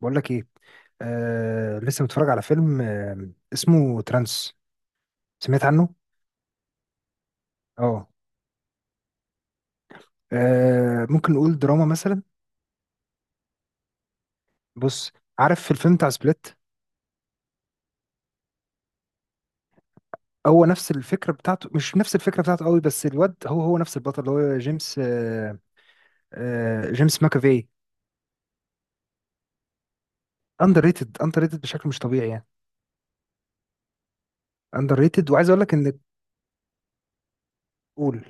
بقول لك ايه؟ لسه متفرج على فيلم اسمه ترانس. سمعت عنه؟ اه. ممكن نقول دراما مثلا. بص. عارف في الفيلم بتاع سبليت؟ هو نفس الفكره بتاعته، مش نفس الفكره بتاعته قوي، بس الواد هو هو نفس البطل اللي هو جيمس جيمس ماكافي. اندر ريتد، اندر ريتد بشكل مش طبيعي يعني. اندر ريتد. وعايز اقول لك ان... قول.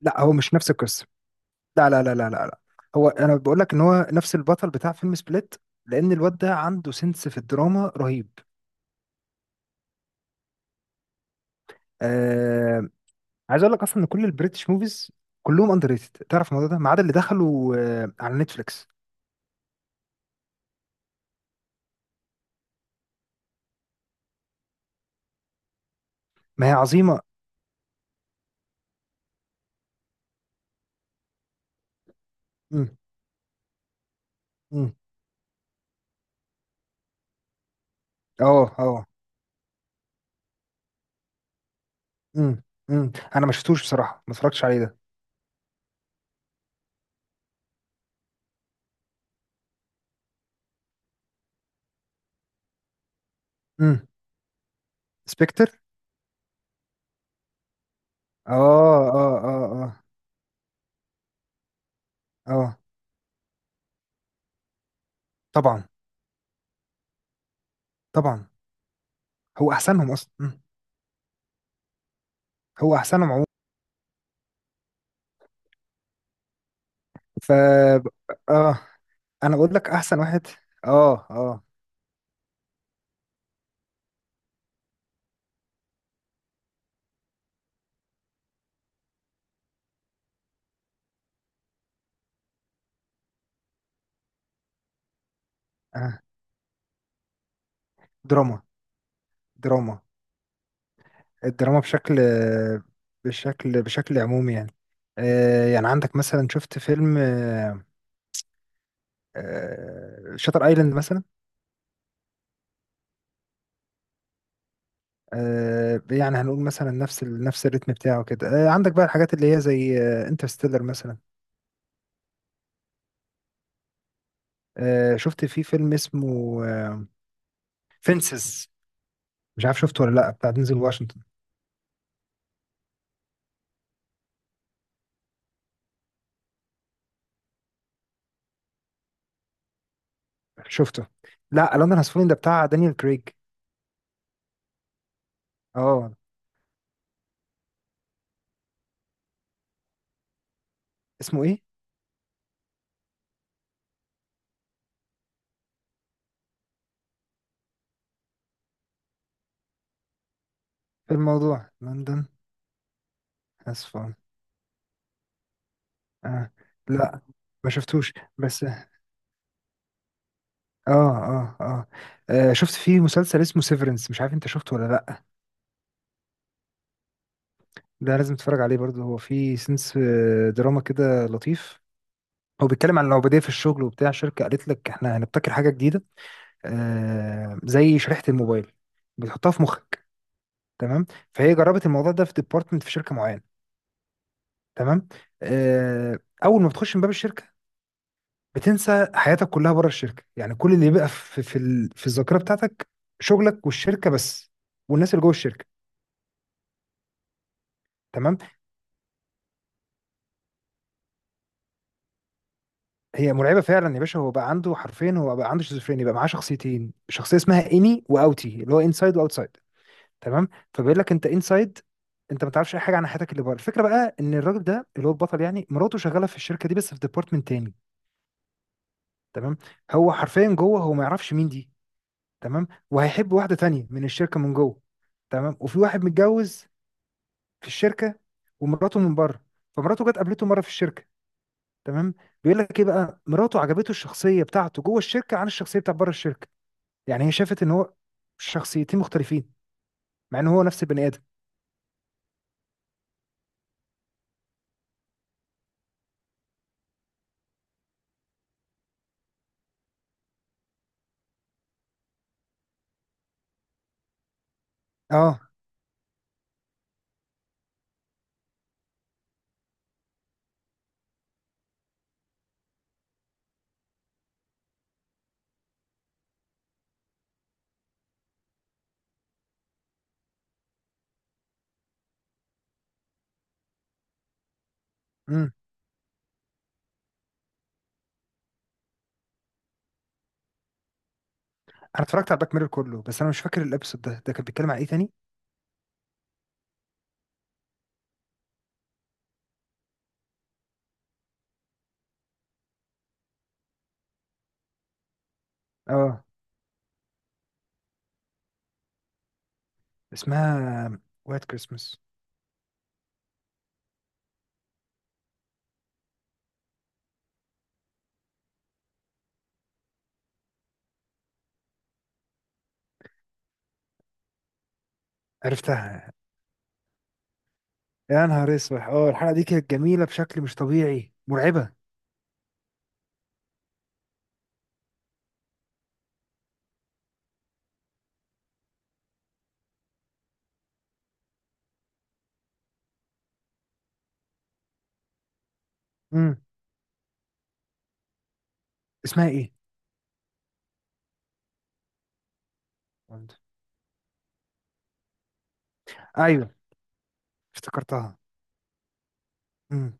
لا، هو مش نفس القصه. لا لا لا لا لا لا. هو انا بقول لك ان هو نفس البطل بتاع فيلم سبليت. لان الواد ده عنده سنس في الدراما رهيب. آه. عايز اقول لك اصلا ان كل البريتش موفيز كلهم اندر ريتد، تعرف الموضوع ده، ما عدا اللي دخلوا على نتفليكس. ما هي عظيمه. امم. امم. اه اه. امم انا ما شفتوش بصراحه، ما اتفرجتش عليه ده. امم. سبكتر. اه اه اه اه اه. طبعا. طبعا. هو احسنهم اصلا هو احسنهم عموما. ف اه. انا بقول لك احسن واحد. اه اه. آه. دراما. دراما. الدراما بشكل بشكل عمومي يعني. يعني عندك مثلا، شفت فيلم شاتر ايلاند مثلا؟ يعني هنقول مثلا نفس نفس الريتم بتاعه كده. عندك بقى الحاجات اللي هي زي انترستيلر مثلا. شفت في فيلم اسمه فينسز؟ مش عارف شفته ولا لا، بتاع دينزل واشنطن. شفته. لا، لندن هاز فولن ده بتاع دانيال كريج. اه. اسمه ايه؟ في الموضوع لندن هاز فولن. آه. لا. ما شفتوش بس. اه اه اه. شفت فيه مسلسل اسمه سيفرنس؟ مش عارف انت شفته ولا لأ. ده لازم تتفرج عليه برضه، هو فيه سنس دراما كده لطيف. هو بيتكلم عن العبودية في الشغل، وبتاع شركة قالت لك احنا هنبتكر حاجة جديدة زي شريحة الموبايل، بتحطها في مخك. تمام. فهي جربت الموضوع ده في ديبارتمنت في شركة معينة. تمام. آه. أول ما بتخش من باب الشركة بتنسى حياتك كلها بره الشركة، يعني كل اللي بيبقى في الذاكرة بتاعتك شغلك والشركة بس، والناس اللي جوه الشركة. تمام. هي مرعبه فعلا يا باشا. هو بقى عنده حرفين، هو بقى عنده شيزوفرينيا، بقى معاه شخصيتين، شخصيه اسمها اني واوتي اللي هو انسايد واوتسايد. تمام. فبيقول لك انت انسايد، انت ما تعرفش اي حاجه عن حياتك اللي بره. الفكره بقى ان الراجل ده اللي هو البطل، يعني مراته شغاله في الشركه دي بس في ديبارتمنت تاني. تمام. هو حرفيا جوه هو ما يعرفش مين دي. تمام. وهيحب واحده تانية من الشركه من جوه. تمام. وفي واحد متجوز في الشركه ومراته من بره، فمراته جت قابلته مره في الشركه. تمام. بيقول لك ايه بقى، مراته عجبته الشخصيه بتاعته جوه الشركه عن الشخصيه بتاعت بره الشركه. يعني هي شافت ان هو شخصيتين مختلفين، مع ان هو نفس البني ادم. اه. امم. انا اتفرجت على الباك ميرور كله بس انا مش فاكر الابيسود ده. كان بيتكلم عن ايه تاني؟ اه. اسمها وايت كريسمس. عرفتها. يا نهار اسود، اه الحلقه دي كانت جميله بشكل مش طبيعي، مرعبه. امم. اسمها ايه؟ ايوه. افتكرتها. مم.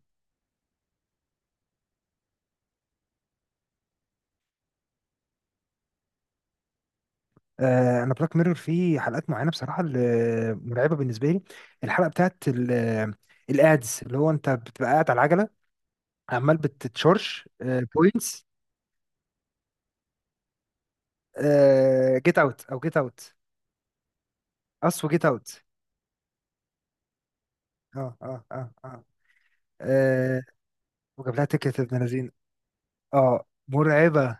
انا بلاك ميرور فيه حلقات معينه بصراحه اللي مرعبه بالنسبه لي. الحلقه بتاعت الادز، اللي هو انت بتبقى قاعد على العجله عمال بتتشارج بوينتس. جيت اوت. او جيت اوت. اس وجيت اوت. اه اه اه اه. آه. وجاب لها تكه ابن لذين. اه، مرعبه.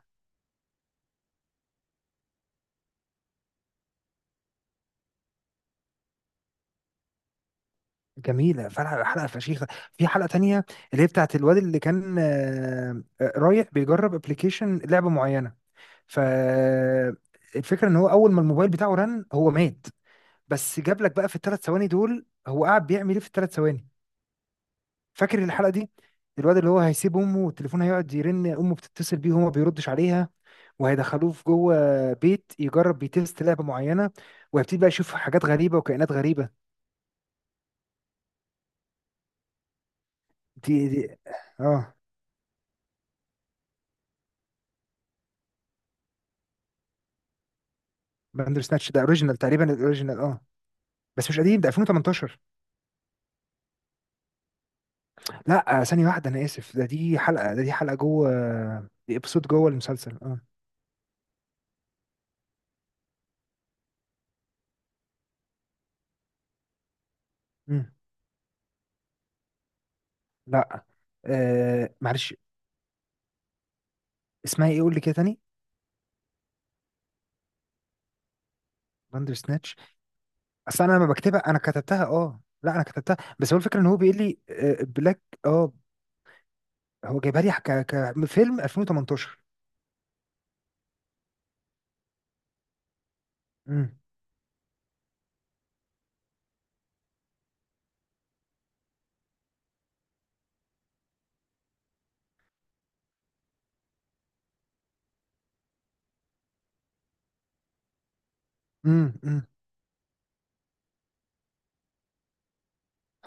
جميله فعلا حلقه فشيخه. في حلقه تانية اللي هي بتاعت الواد اللي كان رايح بيجرب ابلكيشن لعبه معينه. فالفكره ان هو اول ما الموبايل بتاعه رن هو مات. بس جاب لك بقى في الثلاث ثواني دول هو قاعد بيعمل ايه في الثلاث ثواني. فاكر الحلقه دي؟ الواد اللي هو هيسيب امه والتليفون هيقعد يرن، امه بتتصل بيه وهو ما بيردش عليها. وهيدخلوه في جوه بيت يجرب بيتست لعبه معينه. وهيبتدي بقى يشوف حاجات غريبه وكائنات غريبه. دي. اه. باندر سناتش ده اوريجينال تقريبا، الاوريجينال اه. بس مش قديم، ده 2018. لا. ثانيه واحده انا اسف. ده دي حلقه جوه. دي ابسود جوه المسلسل اه. مم. لا. معلش. اسمها ايه؟ قول لي كده تاني. باندر سناتش. اصل انا لما بكتبها، انا كتبتها اه لا انا كتبتها، بس هو الفكره ان هو بيقول لي بلاك. اه. هو جايبها لي كفيلم 2018. امم امم امم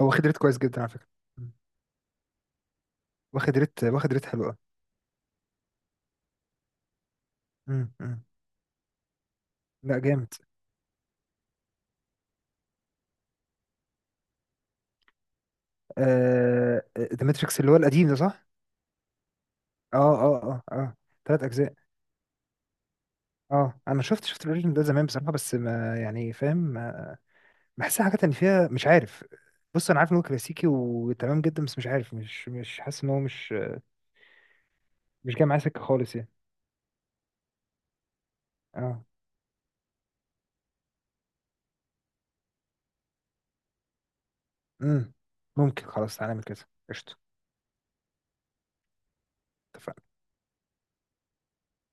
هو واخد ريت كويس جدا على فكره. مم. واخد ريت، واخد ريت حلو قوي. امم امم لا، جامد. ذا ماتريكس اللي هو القديم ده صح؟ اه اه اه اه. ثلاث اجزاء. اه، انا شفت الاوريجين ده زمان بصراحه، بس ما يعني فاهم. بحسها حاجات ان فيها مش عارف. بص، انا عارف ان هو كلاسيكي وتمام جدا، بس مش عارف، مش مش حاسس ان هو مش... مش جاي معايا سكه خالص يعني. اه. امم. ممكن خلاص، تعالى نعمل كده. قشطه. اتفقنا.